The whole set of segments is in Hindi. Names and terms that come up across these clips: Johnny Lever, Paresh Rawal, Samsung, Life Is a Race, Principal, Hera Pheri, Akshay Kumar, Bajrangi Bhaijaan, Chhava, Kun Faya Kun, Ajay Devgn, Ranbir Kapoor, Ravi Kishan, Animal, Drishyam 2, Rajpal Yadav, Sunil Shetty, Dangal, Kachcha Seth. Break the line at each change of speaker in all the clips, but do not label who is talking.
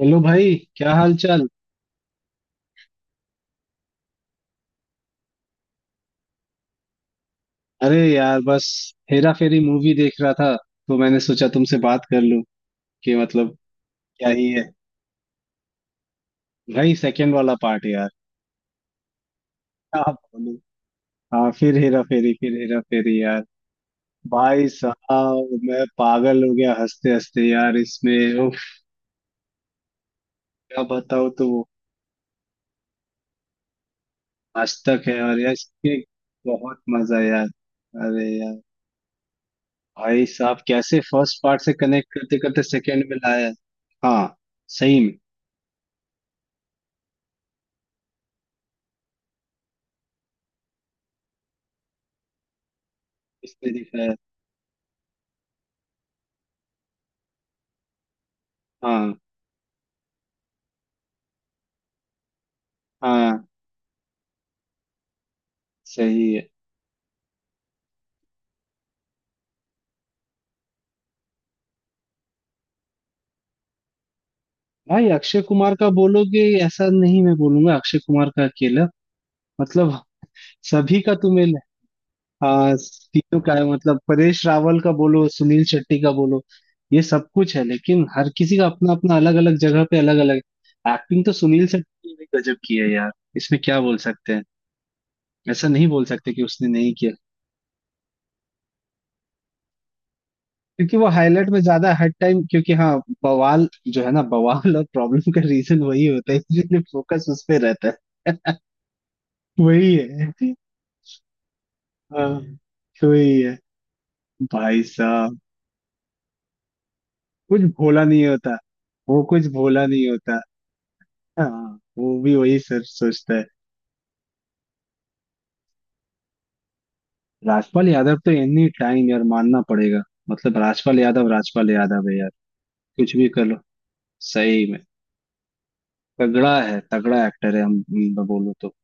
हेलो भाई, क्या हाल चाल? अरे यार, बस हेरा फेरी मूवी देख रहा था तो मैंने सोचा तुमसे बात कर लूं कि मतलब क्या ही है। भाई, सेकंड वाला पार्ट यार। क्या बोलूं, हाँ, फिर हेरा फेरी, फिर हेरा फेरी यार। भाई साहब, मैं पागल हो गया हंसते हंसते यार, इसमें उफ। क्या बताऊं, तो वो आज तक है, और यार इसके बहुत मजा यार। अरे यार, भाई साहब कैसे फर्स्ट पार्ट से कनेक्ट करते करते सेकंड में लाया। हाँ, सही में। इसने दिखाया। हाँ। हाँ, सही है। भाई, अक्षय कुमार का बोलोगे? ऐसा नहीं, मैं बोलूंगा अक्षय कुमार का अकेला, मतलब सभी का। हाँ, तीनों का है, मतलब परेश रावल का बोलो, सुनील शेट्टी का बोलो। ये सब कुछ है लेकिन हर किसी का अपना अपना अलग अलग जगह पे अलग अलग एक्टिंग। तो सुनील शेट्टी ने भी गजब की है यार, इसमें क्या बोल सकते हैं। ऐसा नहीं बोल सकते कि उसने नहीं किया। क्योंकि वो हाईलाइट में ज्यादा हर टाइम, क्योंकि हाँ, बवाल जो है ना, बवाल और प्रॉब्लम का रीजन वही होता है इसलिए फोकस उस पे रहता है। वही है। हाँ। हम्म। तो वही है। भाई साहब, कुछ भोला नहीं होता, वो कुछ भोला नहीं होता। हाँ, वो भी वही सर सोचता है। राजपाल यादव तो एनी टाइम यार, मानना पड़ेगा। मतलब राजपाल यादव, राजपाल यादव है यार। कुछ भी कर लो। सही में, तगड़ा है, तगड़ा एक्टर है, हम बोलो तो।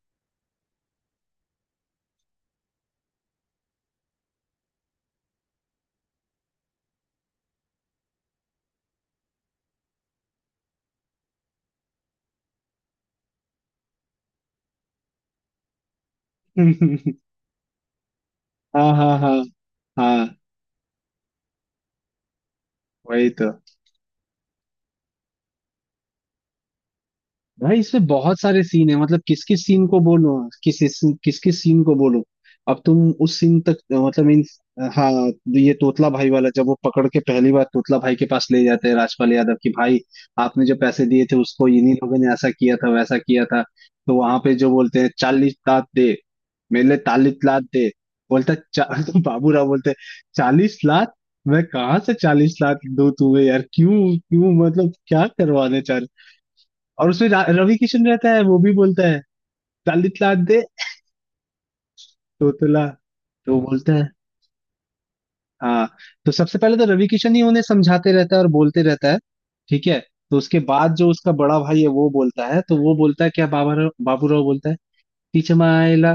हाँ, हाँ, हाँ, हाँ। वही तो। भाई, इसमें बहुत सारे सीन है, मतलब किस किस सीन को बोलूं। किस किस किस सीन को बोलूं, अब तुम उस सीन तक मतलब इन, हाँ। ये तोतला भाई वाला, जब वो पकड़ के पहली बार तोतला भाई के पास ले जाते हैं राजपाल यादव की, भाई आपने जो पैसे दिए थे उसको इन्हीं लोगों ने ऐसा किया था, वैसा किया था। तो वहां पे जो बोलते हैं 40 लाख दे, मेरे लिए 40 लाख दे। बोलता है, चा... तो बाबूराव बोलते हैं, 40 लाख। मैं कहाँ से 40 लाख दूं तुम्हें यार, क्यों क्यों, मतलब क्या करवाने। और उसमें रवि किशन रहता है, वो भी बोलता है दालित लाद दे, तोतला। तो बोलता है हाँ। तो सबसे पहले तो रवि किशन ही उन्हें समझाते रहता है और बोलते रहता है, ठीक है। तो उसके बाद जो उसका बड़ा भाई है वो बोलता है, तो वो बोलता है क्या बाबा राव, बाबू राव बोलता है, टीचमाइला।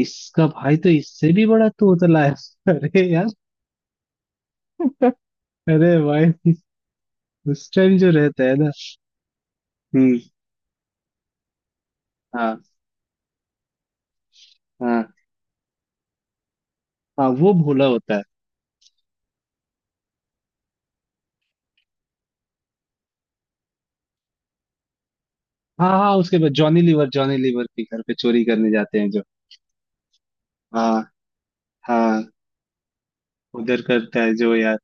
इसका भाई तो इससे भी बड़ा तोतला है। अरे यार, अरे भाई, उस टाइम जो रहता है ना। हम्म। हाँ, हाँ, हाँ, वो भोला होता है। हाँ, हाँ, उसके बाद जॉनी लीवर, जॉनी लीवर के घर पे चोरी करने जाते हैं जो। हाँ, हाँ, उधर करता है जो यार,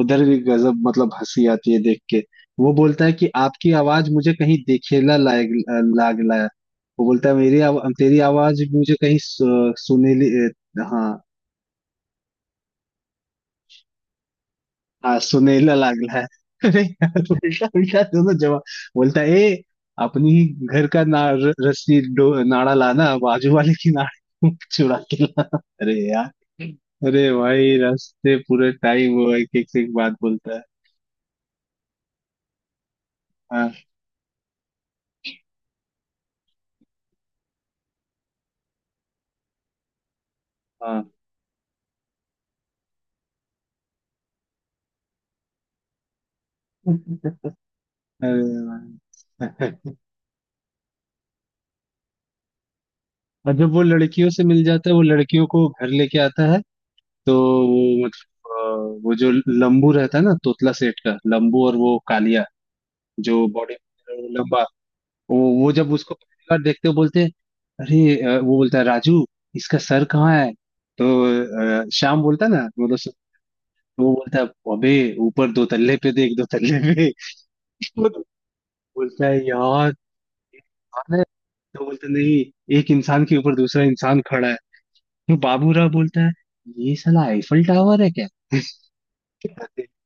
उधर भी गजब, मतलब हंसी आती है देख के। वो बोलता है कि आपकी आवाज मुझे कहीं देखेला लायक, लाग लाया। वो बोलता है, मेरी आवा, तेरी आवाज मुझे कहीं सुनेली। हाँ, हाँ, सुनेला लाग लाया। अरे यार, उल्टा उल्टा दोनों जवाब। बोलता है, ए अपनी ही घर का ना, रस्सी डो, नाड़ा लाना, बाजू वाले की नाड़ी चुरा के लाना। अरे यार, अरे भाई, रास्ते पूरे टाइम वो एक एक, से एक बात बोलता है। हाँ, हाँ। अरे यार। और जब वो लड़कियों से मिल जाता है, वो लड़कियों को घर लेके आता है, तो वो मतलब वो जो लंबू रहता है ना, तोतला सेठ का लंबू, और वो कालिया, जो बॉडी, लंबा। वो जब उसको पहली बार देखते हो बोलते हैं, अरे, वो बोलता है, राजू, इसका सर कहाँ है। तो श्याम बोलता है ना, मतलब वो बोलता है, अबे ऊपर दो तल्ले पे देख, दो तल्ले पे। वो तो बोलता है यार, इंसान है? तो बोलता है, नहीं, एक इंसान के ऊपर दूसरा इंसान खड़ा है। वो बाबूराव बोलता है, ये साला आईफल टावर है क्या।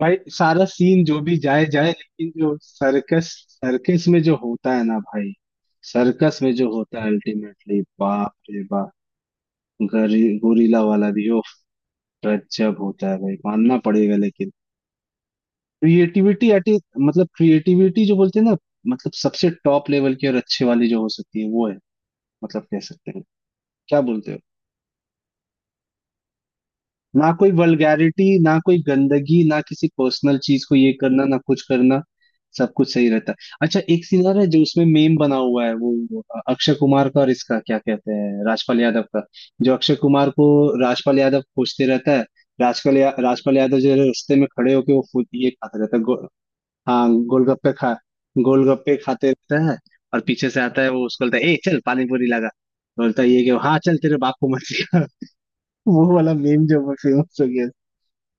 भाई सारा सीन जो भी जाए जाए, लेकिन जो सर्कस, सर्कस में जो होता है ना भाई, सर्कस में जो होता है अल्टीमेटली बाप रे बाप। गोरिल्ला वाला भी ओफ, गजब होता है भाई, मानना पड़ेगा। लेकिन क्रिएटिविटी एट, मतलब क्रिएटिविटी जो बोलते हैं ना, मतलब सबसे टॉप लेवल की और अच्छे वाली जो हो सकती है वो है, मतलब कह सकते हैं, क्या बोलते हो। ना कोई वल्गैरिटी, ना कोई गंदगी, ना किसी पर्सनल चीज को ये करना, ना कुछ करना। सब कुछ सही रहता है। अच्छा, एक सीन और है जो उसमें मेम बना हुआ है, वो अक्षय कुमार का और इसका क्या कहते हैं, राजपाल यादव का। जो अक्षय कुमार को राजपाल यादव खोजते रहता है। राजपाल यादव जो है रास्ते में खड़े होके वो फूड ये खाता रहता है, हाँ, गोलगप्पे खा, गोलगप्पे खाते रहता है। और पीछे से आता है वो, उसको बोलता है, ए चल पानी पूरी लगा। बोलता है ये कि हाँ चल, तेरे बाप को मत सिखा। वो वाला मेम जो फेमस हो गया।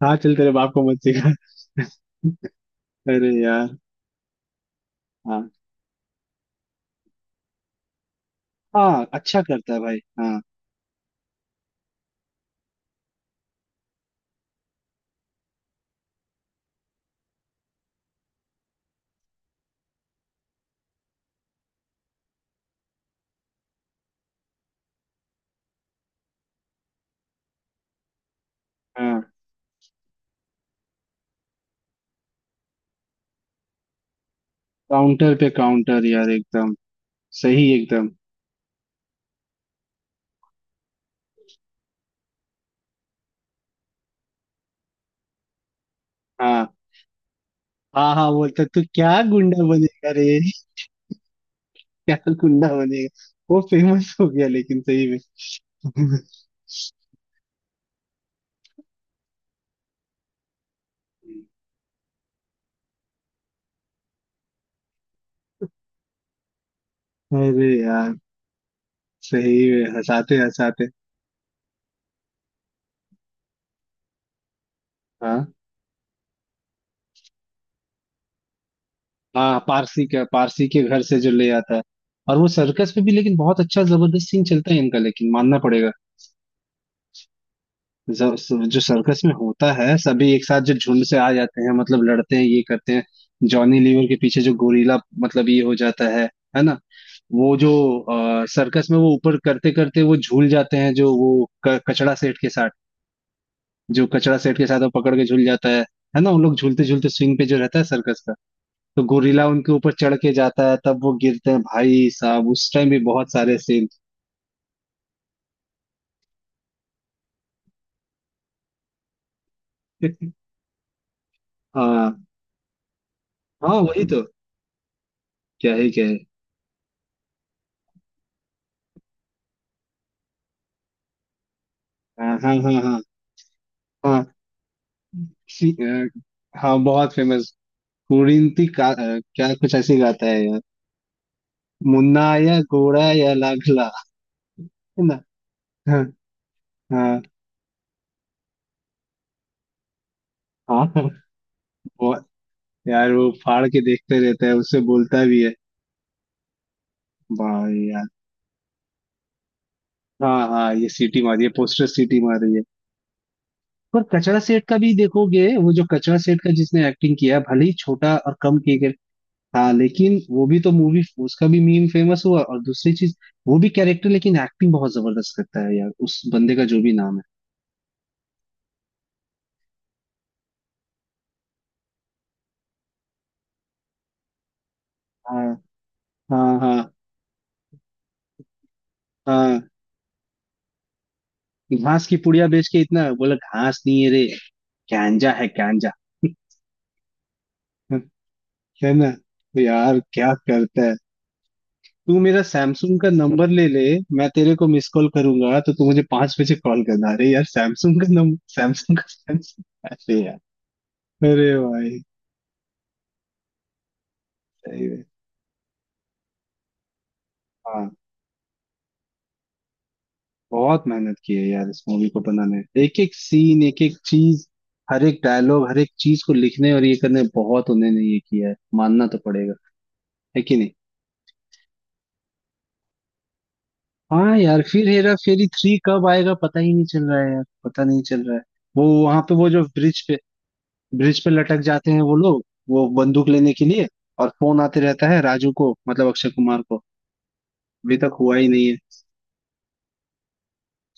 हाँ चल, तेरे बाप को मत सिखा। अरे यार, हाँ। हाँ, अच्छा करता है भाई, हाँ। हाँ, काउंटर पे काउंटर यार, एकदम सही एकदम। हाँ, हाँ, हाँ, बोलता, तू क्या गुंडा बनेगा रे। क्या गुंडा बनेगा, वो फेमस हो गया लेकिन, सही में। अरे यार, सही में हंसाते हंसाते। हाँ, हाँ, पारसी का, पारसी के घर से जो ले आता है। और वो सर्कस पे भी, लेकिन बहुत अच्छा जबरदस्त सीन चलता है इनका, लेकिन मानना पड़ेगा। जो सर्कस में होता है, सभी एक साथ जो झुंड से आ जाते हैं, मतलब लड़ते हैं, ये करते हैं, जॉनी लीवर के पीछे जो गोरीला, मतलब ये हो जाता है ना। वो जो सर्कस में वो ऊपर करते करते वो झूल जाते हैं जो, वो कचड़ा सेठ के साथ, जो कचड़ा सेठ के साथ वो पकड़ के झूल जाता है ना, उन लोग झूलते झूलते स्विंग पे जो रहता है सर्कस का। तो गोरीला उनके ऊपर चढ़ के जाता है, तब वो गिरते हैं, भाई साहब उस टाइम भी बहुत सारे सीन। हाँ, हाँ, वही तो। क्या है, क्या है। हाँ, हाँ, हाँ, हाँ। सी अ, हाँ, बहुत फेमस। कुरिंती का क्या कुछ ऐसे ही गाता है यार, मुन्ना या घोड़ा या लाखला, है ना। हाँ, हाँ, हाँ, बहुत यार। वो फाड़ के देखते रहता है, उससे बोलता भी है, वाह यार। हाँ, हाँ, ये सीटी मारी है, पोस्टर सीटी मार रही है। पर कचरा सेठ का भी देखोगे, वो जो कचरा सेठ का, जिसने एक्टिंग किया भले ही छोटा और कम किए गए, हाँ, लेकिन वो भी तो मूवी उसका भी मीम फेमस हुआ, और दूसरी चीज, वो भी कैरेक्टर लेकिन एक्टिंग बहुत जबरदस्त करता है यार, उस बंदे का जो भी नाम है। हाँ, हाँ, हाँ, हाँ। घास की पुड़िया बेच के इतना बोला, घास नहीं है रे, गांजा है, गांजा। है ना? तो यार क्या करता है, तू मेरा सैमसंग का नंबर ले ले, मैं तेरे को मिस कॉल करूंगा, तो तू मुझे 5 बजे कॉल करना। अरे यार, सैमसंग का नंबर, सैमसंग का, सैमसंग। अरे यार, अरे भाई। सही है, हाँ। बहुत मेहनत की है यार इस मूवी को बनाने में। एक एक सीन, एक एक चीज, हर एक डायलॉग, हर एक चीज को लिखने और ये करने में बहुत उन्होंने ये किया है, मानना तो पड़ेगा, है कि नहीं। हाँ यार, फिर हेरा फेरी 3 कब आएगा पता ही नहीं चल रहा है यार, पता नहीं चल रहा है। वो वहां पे वो जो ब्रिज पे, ब्रिज पे लटक जाते हैं वो लोग, वो बंदूक लेने के लिए, और फोन आते रहता है राजू को मतलब अक्षय कुमार को, अभी तक हुआ ही नहीं है।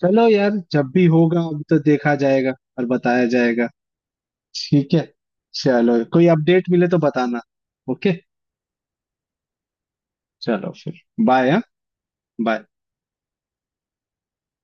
चलो यार, जब भी होगा अब तो देखा जाएगा और बताया जाएगा। ठीक है। चलो, कोई अपडेट मिले तो बताना। ओके, चलो फिर। बाय, हाँ, बाय।